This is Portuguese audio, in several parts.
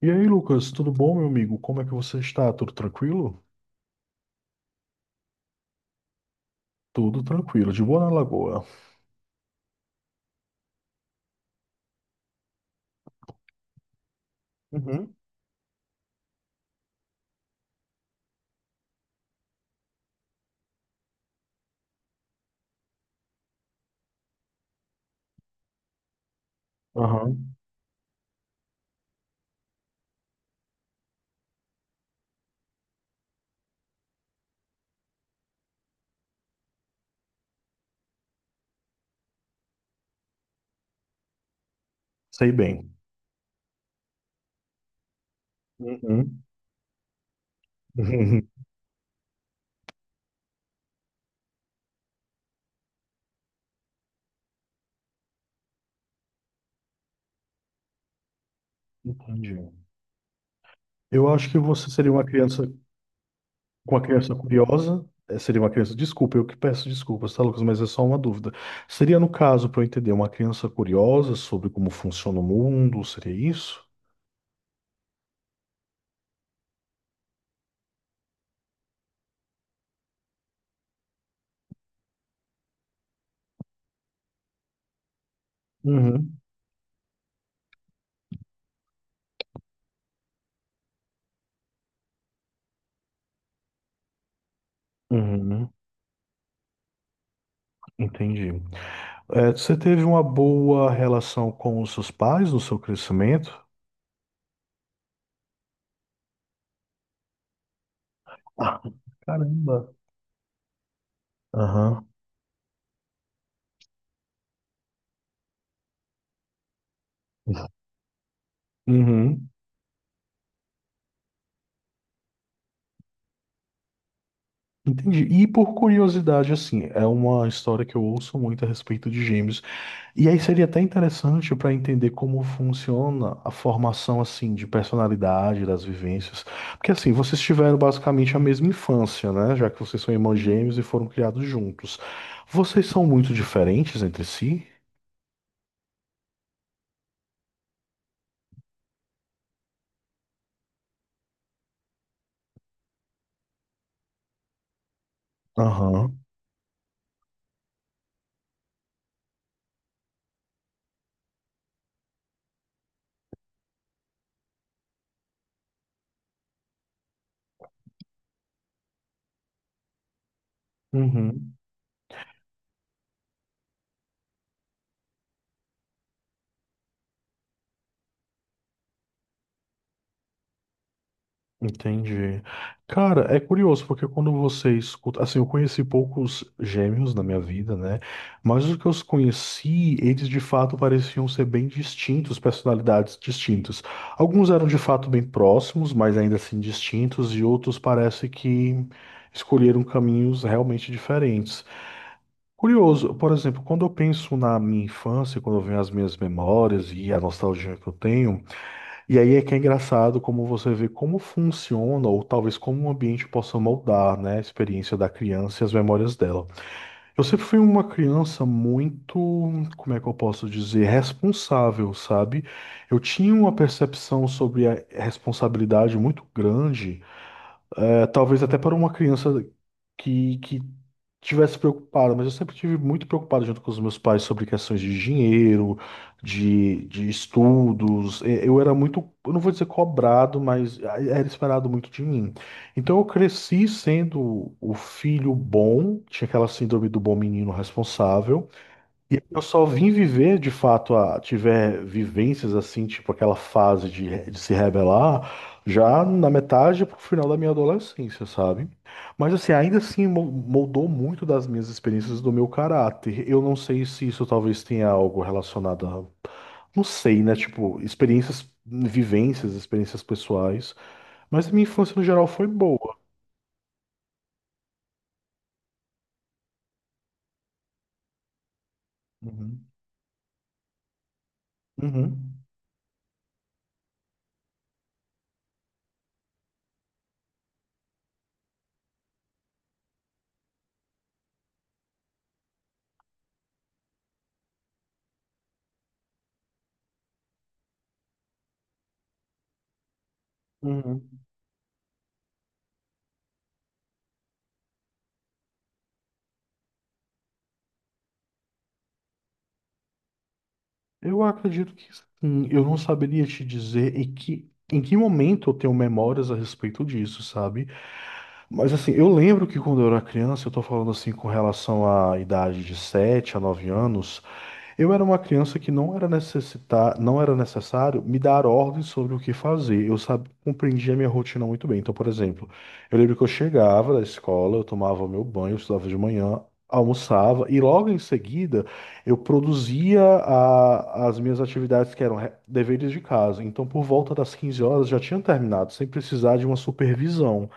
E aí, Lucas, tudo bom, meu amigo? Como é que você está? Tudo tranquilo? Tudo tranquilo, de boa na lagoa. Uhum. Aham. Sei bem. Uhum. Entendi. Eu acho que você seria uma criança curiosa. Seria uma criança, desculpa, eu que peço desculpas, tá, Lucas? Mas é só uma dúvida. Seria, no caso, para eu entender, uma criança curiosa sobre como funciona o mundo? Seria isso? Uhum. Uhum. Entendi. Você teve uma boa relação com os seus pais no seu crescimento? Ah. Caramba. Aham. Uhum, entendi. E por curiosidade, assim, é uma história que eu ouço muito a respeito de gêmeos. E aí seria até interessante para entender como funciona a formação, assim, de personalidade, das vivências. Porque, assim, vocês tiveram basicamente a mesma infância, né? Já que vocês são irmãos gêmeos e foram criados juntos. Vocês são muito diferentes entre si? Aham. Uhum. Entendi. Cara, é curioso, porque quando você escuta. Assim, eu conheci poucos gêmeos na minha vida, né? Mas os que eu conheci, eles de fato pareciam ser bem distintos, personalidades distintas. Alguns eram de fato bem próximos, mas ainda assim distintos, e outros parece que escolheram caminhos realmente diferentes. Curioso, por exemplo, quando eu penso na minha infância, quando eu venho as minhas memórias e a nostalgia que eu tenho. E aí é que é engraçado como você vê como funciona, ou talvez como o ambiente possa moldar, né, a experiência da criança e as memórias dela. Eu sempre fui uma criança muito, como é que eu posso dizer, responsável, sabe? Eu tinha uma percepção sobre a responsabilidade muito grande é, talvez até para uma criança que tivesse preocupada, mas eu sempre tive muito preocupado junto com os meus pais sobre questões de dinheiro, de estudos. Eu era muito, eu não vou dizer cobrado, mas era esperado muito de mim. Então eu cresci sendo o filho bom, tinha aquela síndrome do bom menino responsável. E eu só vim viver, de fato, a tiver vivências assim, tipo aquela fase de, de se rebelar, já na metade pro final da minha adolescência, sabe? Mas assim, ainda assim moldou muito das minhas experiências do meu caráter. Eu não sei se isso talvez tenha algo relacionado a, não sei, né? Tipo, experiências, vivências, experiências pessoais. Mas a minha infância no geral foi boa. Uhum. Uhum. Uhum. Eu acredito que sim. Eu não saberia te dizer em que momento eu tenho memórias a respeito disso, sabe? Mas assim, eu lembro que quando eu era criança, eu tô falando assim com relação à idade de 7 a 9 anos. Eu era uma criança que não era necessitar, não era necessário me dar ordens sobre o que fazer. Eu sabia, compreendia a minha rotina muito bem. Então, por exemplo, eu lembro que eu chegava da escola, eu tomava meu banho, eu estudava de manhã, almoçava e logo em seguida eu produzia as minhas atividades que eram deveres de casa. Então, por volta das 15 horas já tinha terminado, sem precisar de uma supervisão.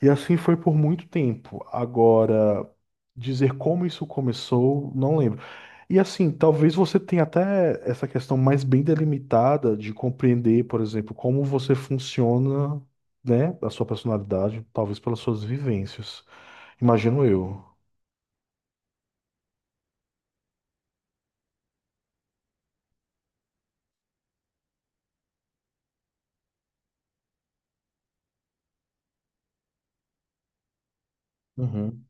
E assim foi por muito tempo. Agora, dizer como isso começou, não lembro. E assim, talvez você tenha até essa questão mais bem delimitada de compreender, por exemplo, como você funciona, né, a sua personalidade, talvez pelas suas vivências. Imagino eu. Uhum,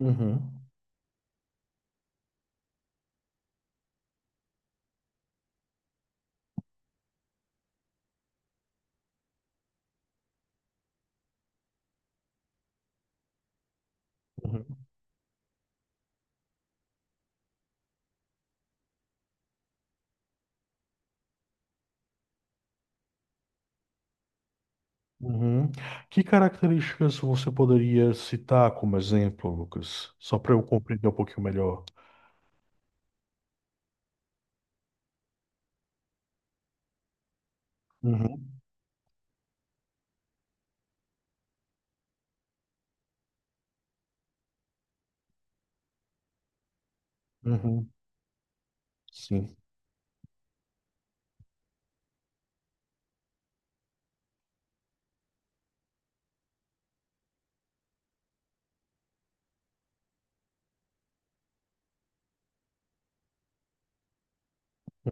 uhum, uhum, uhum. Que características você poderia citar como exemplo, Lucas? Só para eu compreender um pouquinho melhor. Uhum, uhum. Sim.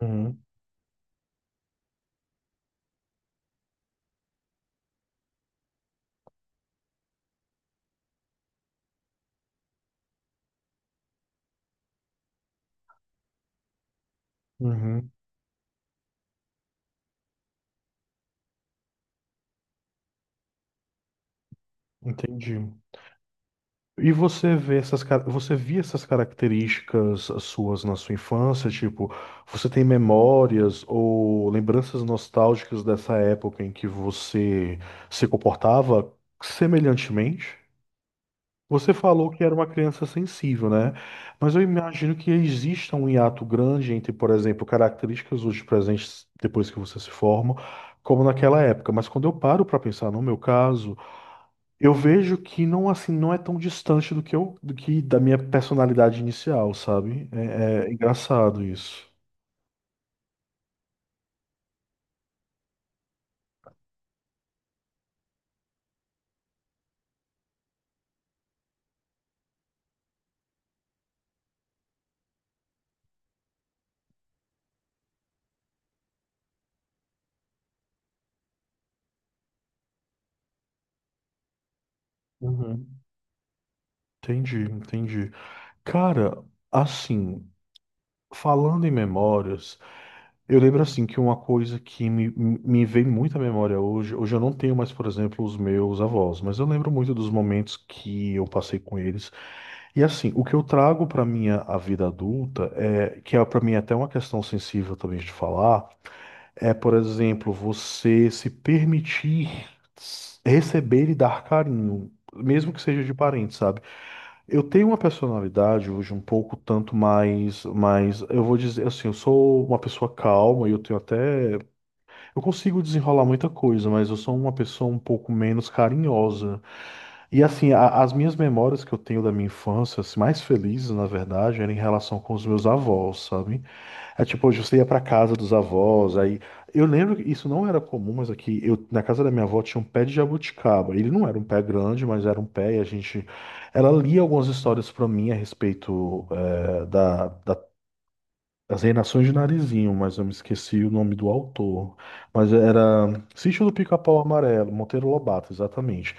Uhum, uhum. Entendi. E você vê essas, você via essas características suas na sua infância? Tipo, você tem memórias ou lembranças nostálgicas dessa época em que você se comportava semelhantemente? Você falou que era uma criança sensível, né? Mas eu imagino que exista um hiato grande entre, por exemplo, características hoje presentes depois que você se forma, como naquela época. Mas quando eu paro para pensar no meu caso, eu vejo que não assim não é tão distante do que eu do que da minha personalidade inicial, sabe? É, é engraçado isso. Uhum. Entendi, entendi. Cara, assim, falando em memórias, eu lembro assim que uma coisa que me vem muito à memória hoje, hoje eu não tenho mais, por exemplo, os meus avós, mas eu lembro muito dos momentos que eu passei com eles. E assim, o que eu trago para minha a vida adulta é que é para mim até uma questão sensível também de falar. É, por exemplo, você se permitir receber e dar carinho, mesmo que seja de parente, sabe? Eu tenho uma personalidade hoje um pouco tanto mais, mas eu vou dizer assim, eu sou uma pessoa calma e eu tenho até, eu consigo desenrolar muita coisa, mas eu sou uma pessoa um pouco menos carinhosa. E assim, as minhas memórias que eu tenho da minha infância, assim, mais felizes, na verdade, era em relação com os meus avós, sabe? É tipo, hoje você ia pra casa dos avós, aí. Eu lembro que isso não era comum, mas aqui, eu, na casa da minha avó tinha um pé de jabuticaba. Ele não era um pé grande, mas era um pé, e a gente. Ela lia algumas histórias pra mim a respeito, da as Reinações de Narizinho, mas eu me esqueci o nome do autor. Mas era Sítio do Pica-Pau Amarelo, Monteiro Lobato, exatamente.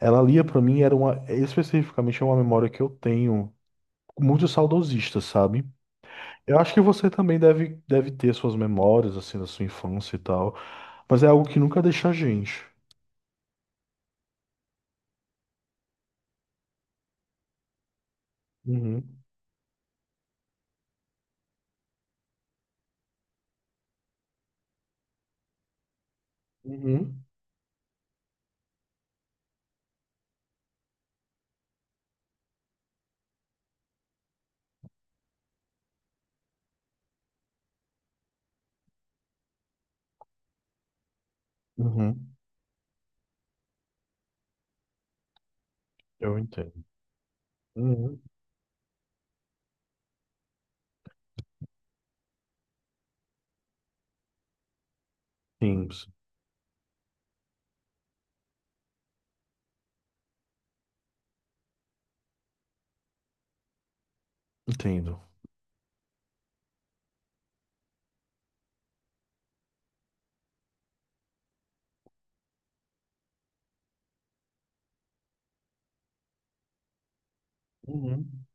Ela lia pra mim, era uma, especificamente é uma memória que eu tenho, muito saudosista, sabe? Eu acho que você também deve ter suas memórias, assim, da sua infância e tal. Mas é algo que nunca deixa a gente. Uhum. Uhum. Uhum. Eu entendo. Uhum. Sim, sim, entendo. Uhum.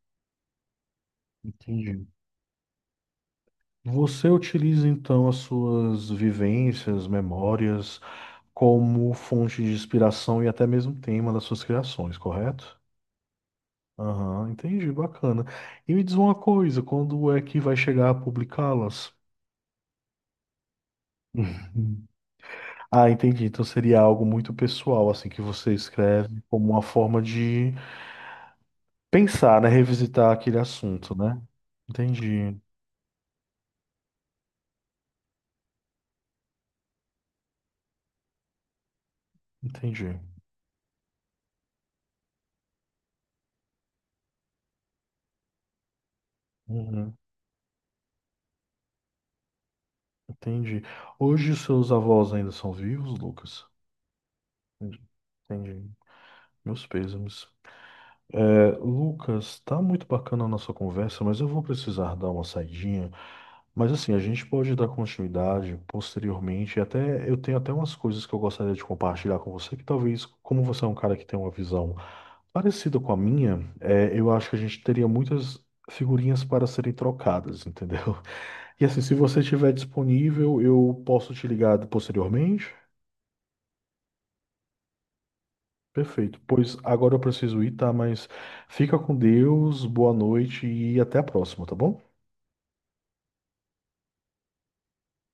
Entendi. Você utiliza então as suas vivências, memórias, como fonte de inspiração e até mesmo tema das suas criações, correto? Aham, entendi, bacana. E me diz uma coisa, quando é que vai chegar a publicá-las? Uhum. Ah, entendi. Então seria algo muito pessoal, assim, que você escreve como uma forma de pensar, né? Revisitar aquele assunto, né? Entendi, entendi. Uhum, entendi. Hoje os seus avós ainda são vivos, Lucas? Entendi. Meus pêsames. É, Lucas, tá muito bacana a nossa conversa, mas eu vou precisar dar uma saidinha. Mas assim, a gente pode dar continuidade posteriormente. Até eu tenho até umas coisas que eu gostaria de compartilhar com você, que talvez, como você é um cara que tem uma visão parecida com a minha, é, eu acho que a gente teria muitas figurinhas para serem trocadas, entendeu? E assim, se você estiver disponível, eu posso te ligar posteriormente. Perfeito. Pois agora eu preciso ir, tá? Mas fica com Deus, boa noite e até a próxima, tá bom?